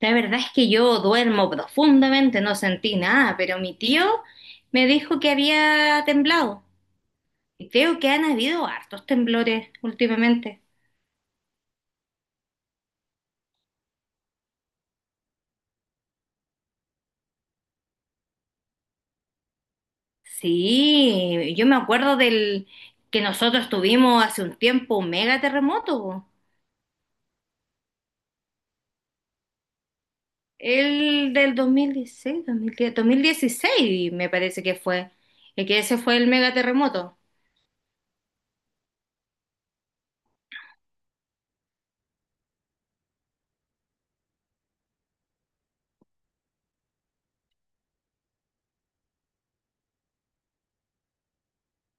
La verdad es que yo duermo profundamente, no sentí nada, pero mi tío me dijo que había temblado. Y creo que han habido hartos temblores últimamente. Sí, yo me acuerdo del que nosotros tuvimos hace un tiempo un mega terremoto, po. El del 2016, me parece que fue. El que Ese fue el mega terremoto.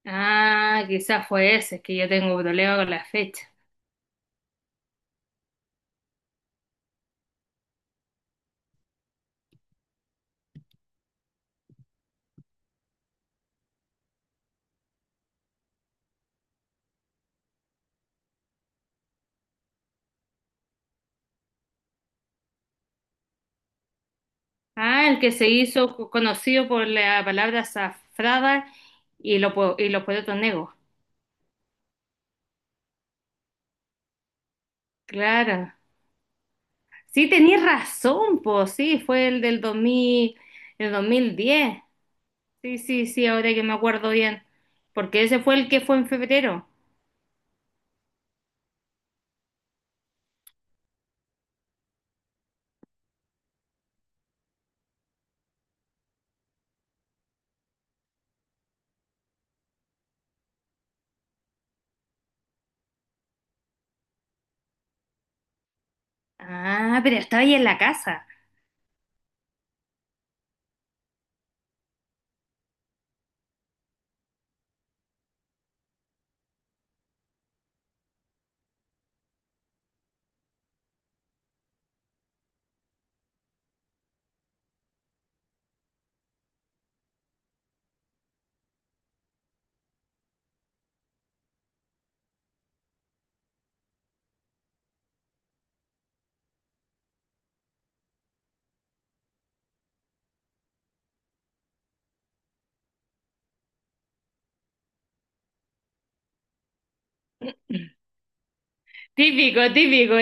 Ah, quizás fue ese, es que yo tengo problema con la fecha. Ah, el que se hizo conocido por la palabra azafrada y los poetas negros. Claro. Sí, tenías razón, pues sí, fue el del 2010. Sí, sí, sí, ahora que me acuerdo bien. Porque ese fue el que fue en febrero. Ah, pero estaba ahí en la casa. Típico, típico.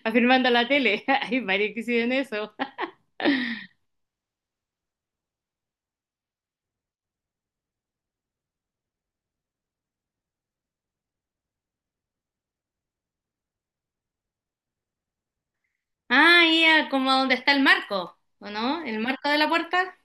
Afirmando la tele. Hay varios que hicieron eso. Ah, ya, como donde está el marco, ¿o no? ¿El marco de la puerta?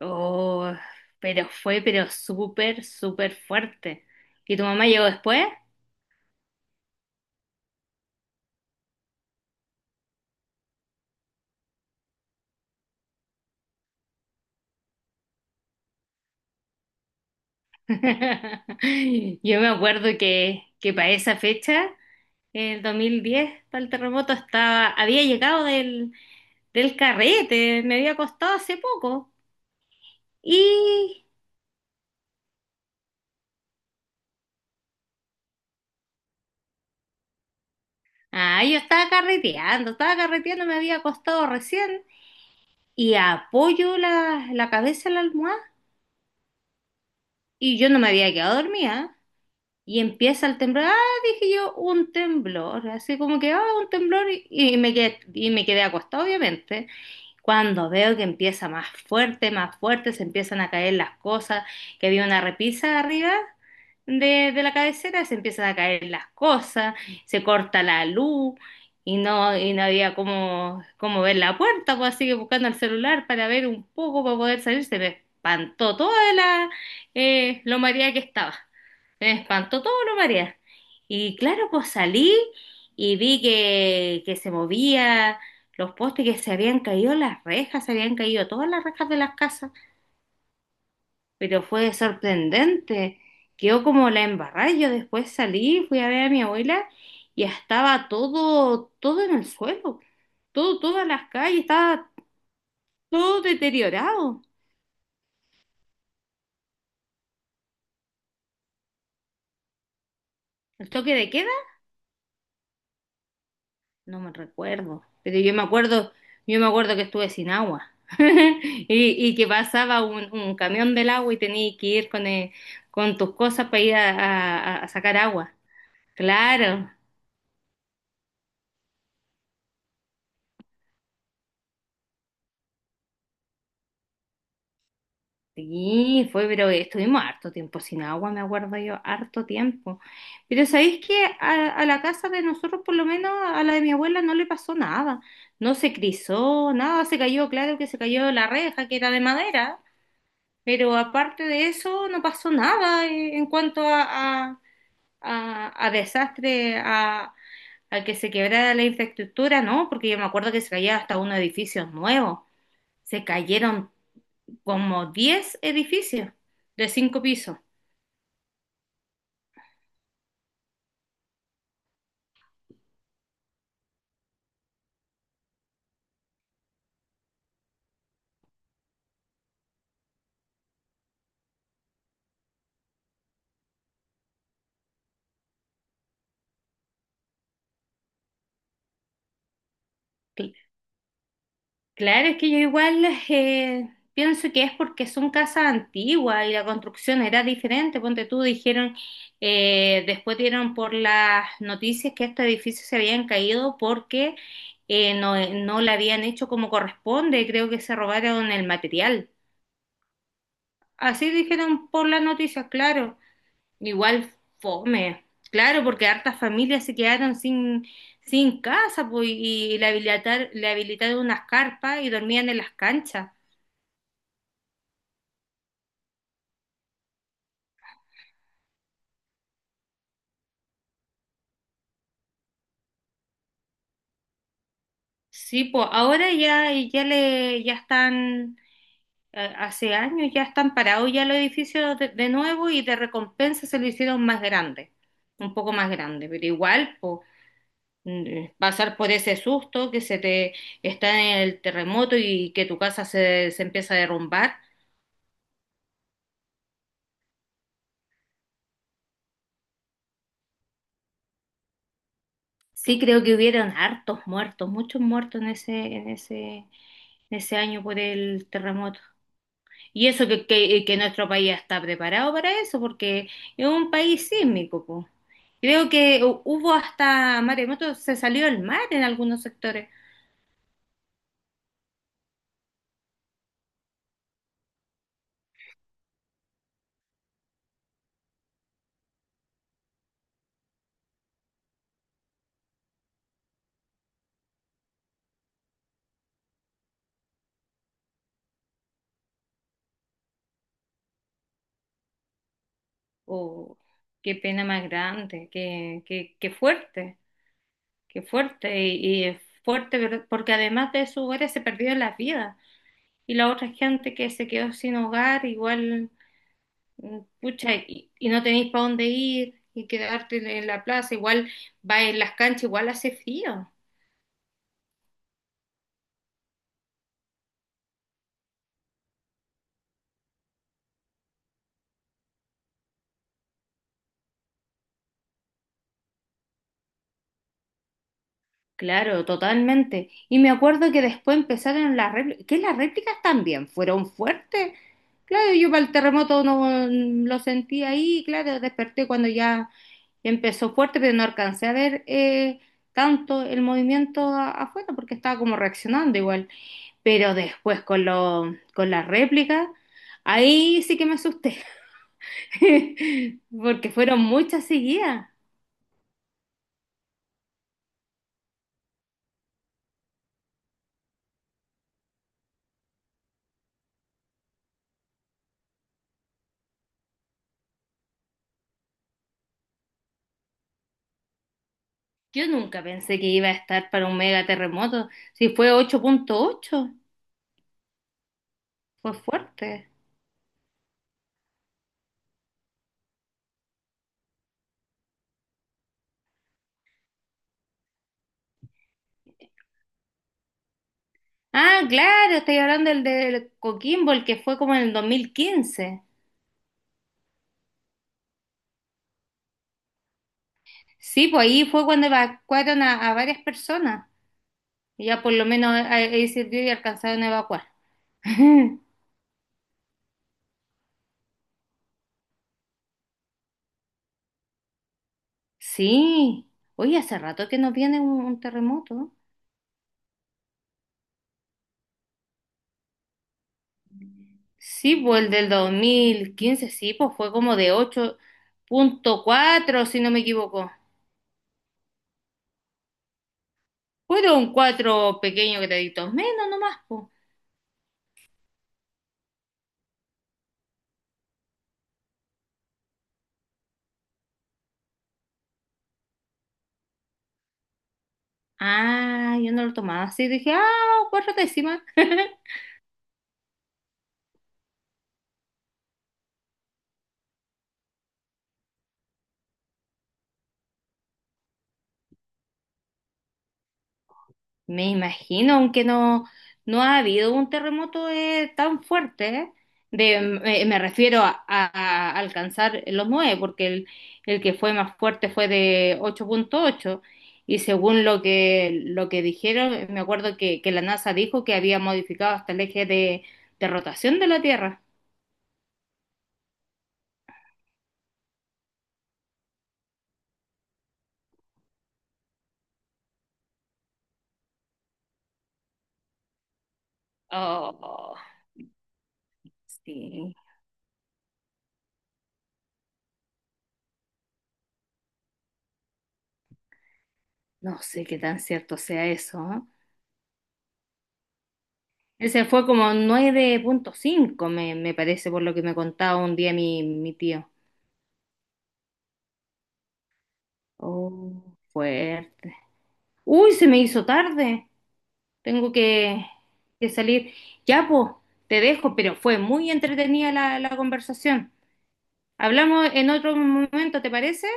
Oh, pero súper, súper fuerte. ¿Que tu mamá llegó después? Yo me acuerdo que para esa fecha, el 2010, para el terremoto, estaba, había llegado del carrete, me había acostado hace poco. Y, ah, yo estaba carreteando, me había acostado recién y apoyo la cabeza en la almohada y yo no me había quedado dormida. Y empieza el temblor, ah, dije yo, un temblor, así como que, ah, un temblor, y me quedé acostado, obviamente. Cuando veo que empieza más fuerte, se empiezan a caer las cosas, que había una repisa arriba de la cabecera, se empiezan a caer las cosas, se corta la luz, y no había cómo ver la puerta, pues así que buscando el celular para ver un poco, para poder salir, se me espantó toda lo mareada que estaba. Me espantó todo lo marea. Y claro, pues salí y vi que se movía, los postes que se habían caído, las rejas, se habían caído todas las rejas de las casas, pero fue sorprendente. Quedó como la embarrada. Yo después salí, fui a ver a mi abuela y estaba todo en el suelo, todas las calles, estaba todo deteriorado. El toque de queda. No me recuerdo, pero yo me acuerdo que estuve sin agua y, y que pasaba un camión del agua y tenías que ir con tus cosas para ir a sacar agua. Claro, sí, pero estuvimos harto tiempo sin agua, me acuerdo yo, harto tiempo. Pero sabéis que a la casa de nosotros, por lo menos a la de mi abuela, no le pasó nada, no se crisó, nada, se cayó, claro que se cayó la reja que era de madera. Pero aparte de eso, no pasó nada, en cuanto a desastre, a que se quebrara la infraestructura, ¿no? Porque yo me acuerdo que se caía hasta unos edificios nuevos. Se cayeron como 10 edificios de 5 pisos. Claro, es que yo igual, pienso que es porque son casas antiguas y la construcción era diferente. Ponte tú, dijeron, después dieron por las noticias que estos edificios se habían caído porque, no, no la habían hecho como corresponde. Creo que se robaron el material. Así dijeron por las noticias, claro. Igual fome. Claro, porque hartas familias se quedaron sin casa, pues, y le habilitaron unas carpas y dormían en las canchas. Sí, pues ahora hace años ya están parados ya los edificios de nuevo y de recompensa se lo hicieron más grande, un poco más grande, pero igual, pues, pasar por ese susto que se te está en el terremoto y que tu casa se empieza a derrumbar. Sí, creo que hubieron hartos muertos, muchos muertos en ese año por el terremoto. Y eso que nuestro país está preparado para eso, porque es un país sísmico, po. Creo que hubo hasta maremotos, se salió el mar en algunos sectores. Oh, qué pena más grande, qué fuerte, qué fuerte. Y es fuerte porque además de sus hogares se perdieron las vidas. Y la otra gente que se quedó sin hogar, igual, pucha, y no tenéis para dónde ir y quedarte en la plaza, igual va en las canchas, igual hace frío. Claro, totalmente. Y me acuerdo que después empezaron las réplicas, que las réplicas también fueron fuertes. Claro, yo para el terremoto no, lo sentí ahí, claro, desperté cuando ya empezó fuerte, pero no alcancé a ver, tanto el movimiento afuera porque estaba como reaccionando igual. Pero después con con las réplicas, ahí sí que me asusté, porque fueron muchas seguidas. Yo nunca pensé que iba a estar para un mega terremoto. Si fue 8.8, fue fuerte. Ah, claro, estoy hablando del de Coquimbo, el que fue como en el 2015. Sí, pues ahí fue cuando evacuaron a varias personas. Ya por lo menos ahí sirvió y alcanzaron a evacuar. Sí. Oye, hace rato que no viene un terremoto. Sí, pues el del 2015, sí, pues fue como de 8.4, si no me equivoco. Fueron cuatro pequeños graditos menos nomás, po. Ah, yo no lo tomaba así. Dije, ah, cuatro décimas. Me imagino, aunque no, no ha habido un terremoto, tan fuerte, ¿eh? Me refiero a alcanzar los nueve, porque el que fue más fuerte fue de 8.8 y según lo que dijeron, me acuerdo que la NASA dijo que había modificado hasta el eje de rotación de la Tierra. Oh, sí. No sé qué tan cierto sea eso, ¿no? Ese fue como 9.5, me parece, por lo que me contaba un día mi tío. Oh, fuerte. Uy, se me hizo tarde. Tengo que salir. Ya, pues, te dejo, pero fue muy entretenida la conversación. Hablamos en otro momento, ¿te parece?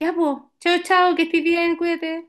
Ya, pues. Chao, chao, que estés bien, cuídate.